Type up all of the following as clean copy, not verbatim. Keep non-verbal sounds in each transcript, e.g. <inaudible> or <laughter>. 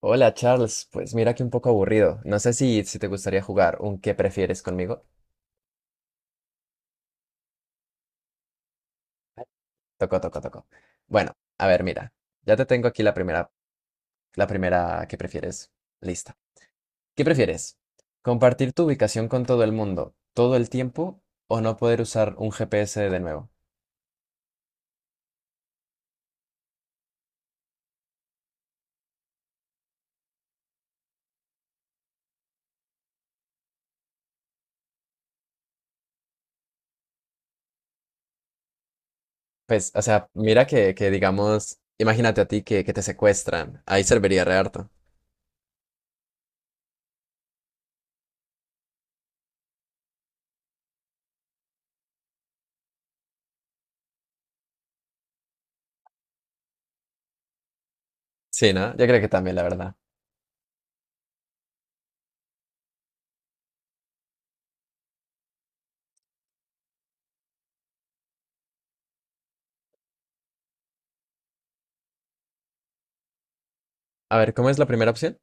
Hola Charles, pues mira que un poco aburrido. No sé si te gustaría jugar un ¿qué prefieres conmigo? Toco, toco, toco. Bueno, a ver, mira, ya te tengo aquí la primera, la primera, ¿qué prefieres? Lista. ¿Qué prefieres? ¿Compartir tu ubicación con todo el mundo todo el tiempo o no poder usar un GPS de nuevo? Pues, o sea, mira que digamos, imagínate a ti que te secuestran. Ahí serviría re harto. Sí, ¿no? Yo creo que también, la verdad. A ver, ¿cómo es la primera opción?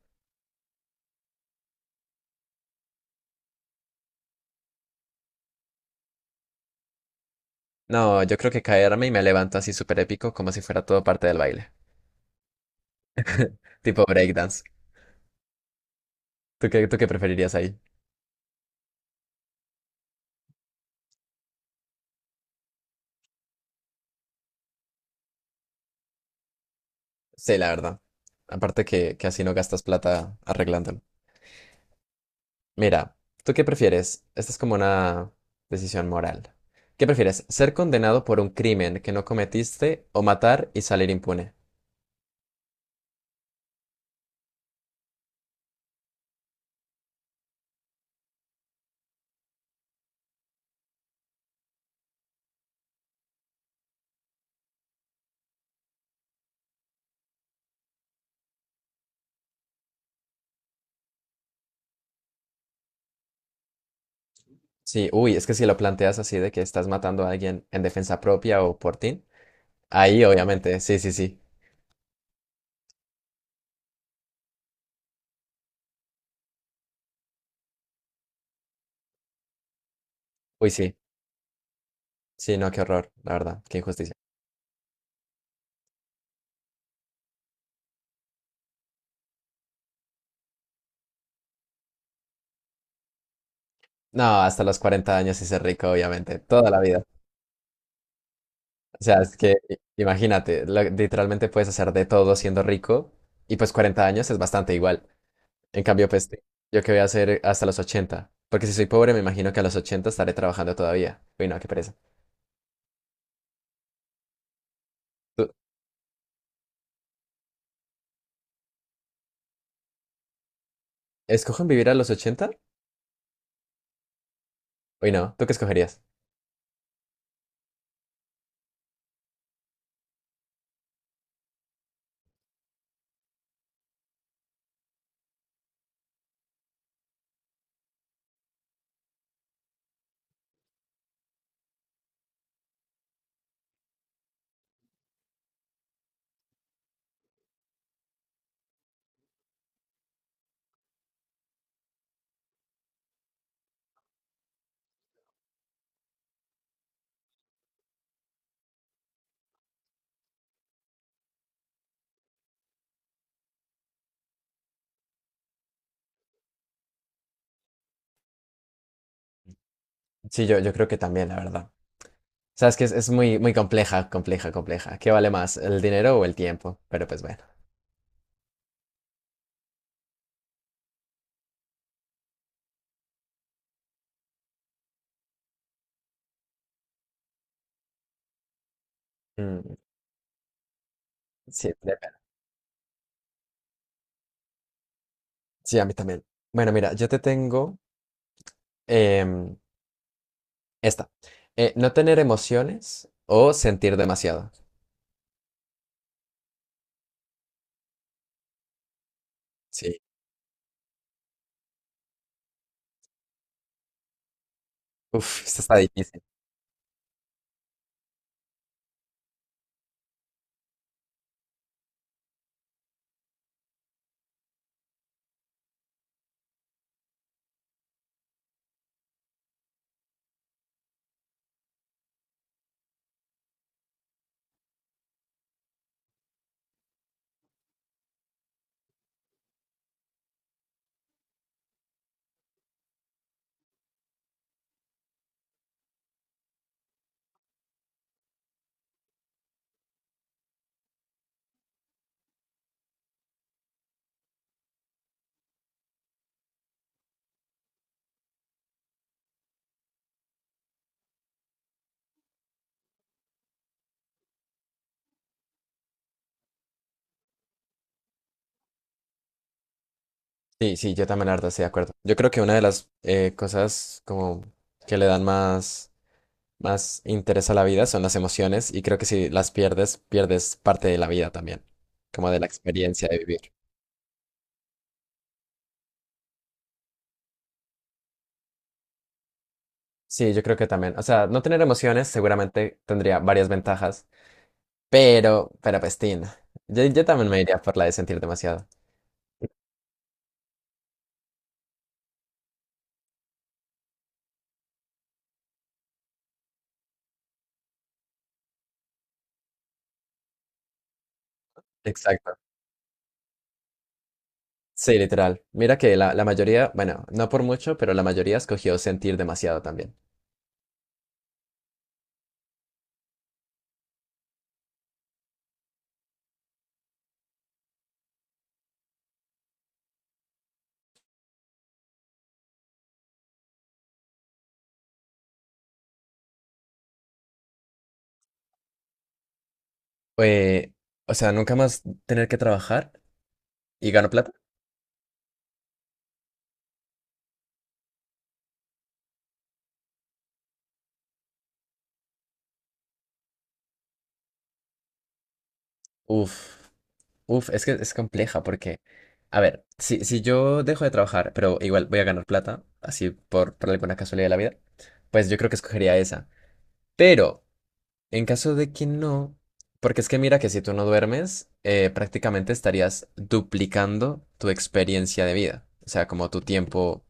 No, yo creo que caerme y me levanto así súper épico, como si fuera todo parte del baile. Tipo breakdance. Tú qué preferirías ahí? Sí, la verdad. Aparte que así no gastas plata arreglándolo. Mira, ¿tú qué prefieres? Esta es como una decisión moral. ¿Qué prefieres? ¿Ser condenado por un crimen que no cometiste o matar y salir impune? Sí, uy, es que si lo planteas así de que estás matando a alguien en defensa propia o por ti, ahí obviamente, sí, sí, sí. Uy, sí. Sí, no, qué horror, la verdad, qué injusticia. No, hasta los 40 años y ser rico, obviamente, toda la vida. O sea, es que imagínate, literalmente puedes hacer de todo siendo rico y pues 40 años es bastante igual. En cambio, pues yo qué voy a hacer hasta los ochenta, porque si soy pobre me imagino que a los 80 estaré trabajando todavía. Uy, no, qué pereza. ¿Tú escogen vivir a los ochenta? Uy, no, ¿tú qué escogerías? Sí, yo creo que también, la verdad. O sea, es que es muy, muy compleja, compleja, compleja. ¿Qué vale más, el dinero? Em, Esta. ¿No tener emociones o sentir demasiado? Sí. Uf, esta está difícil. Sí, sí, yo también la verdad estoy de acuerdo. Yo creo que una de las cosas como que le dan más, más interés a la vida son las emociones, y creo que si las pierdes, pierdes parte de la vida también, como de la experiencia de vivir. Sí, yo creo que también. O sea, no tener emociones seguramente tendría varias ventajas, pero pues, tin, yo también me iría por la de sentir demasiado. Exacto. Sí, literal. Mira que la mayoría, bueno, no por mucho, pero la mayoría escogió sentir demasiado también. Eh, o sea, nunca más tener que trabajar y gano plata. Uf. Uf, es que es compleja porque, a ver, si yo dejo de trabajar, pero igual voy a ganar plata, así por alguna casualidad de la vida, pues yo creo que escogería esa. Pero, en caso de que no, porque es que mira que si tú no duermes, prácticamente estarías duplicando tu experiencia de vida, o sea, como tu tiempo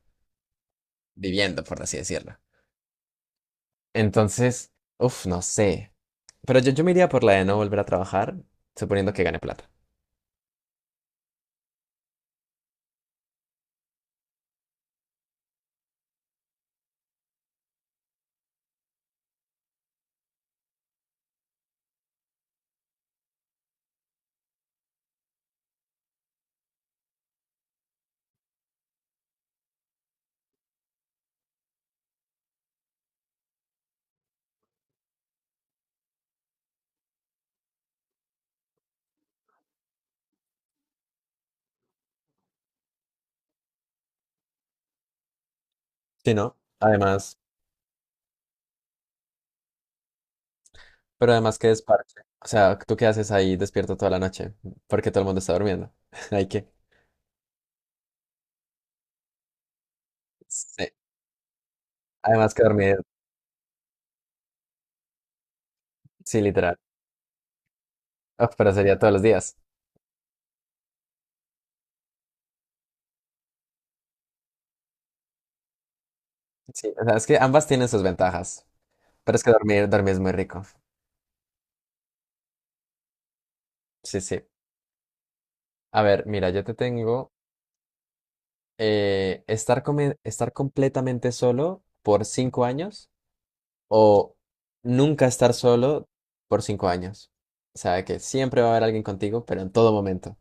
viviendo, por así decirlo. Entonces, uf, no sé. Pero yo me iría por la de no volver a trabajar, suponiendo que gane plata. Sí, ¿no? Además. Pero además que desparche. O sea, ¿tú qué haces ahí despierto toda la noche? Porque todo el mundo está durmiendo. <laughs> Hay que. Sí. Además que dormir, sí, literal. Ah, pero sería todos los días. Sí, o sea, es que ambas tienen sus ventajas. Pero es que dormir, dormir es muy rico. Sí, sí. A ver, mira, yo te tengo estar, estar completamente solo por cinco años o nunca estar solo por cinco años. O sea, que siempre va a haber alguien contigo, pero en todo momento.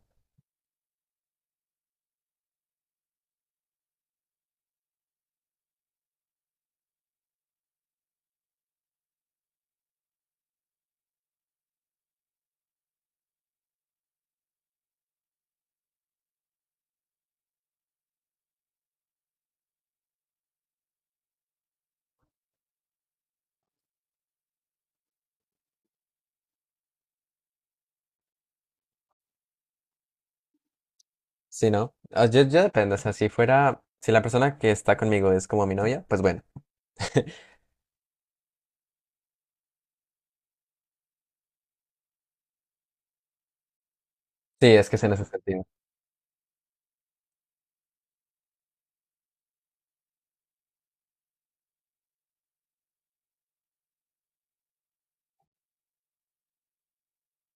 Sí, ¿no? Ah, yo depende, o sea, si fuera, si la persona que está conmigo es como mi novia, pues bueno. <laughs> Sí, es que es en ese sentido.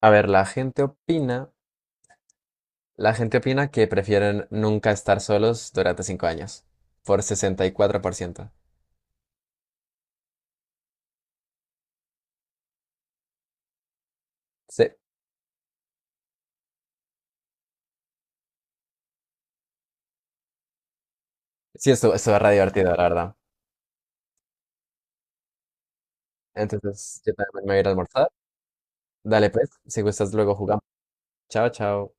A ver, la gente opina que prefieren nunca estar solos durante cinco años, por 64%. Sí, sí, esto estuvo re divertido, la verdad. Entonces, yo también me voy a ir a almorzar. Dale, pues, si gustas, luego jugamos. Chao, chao.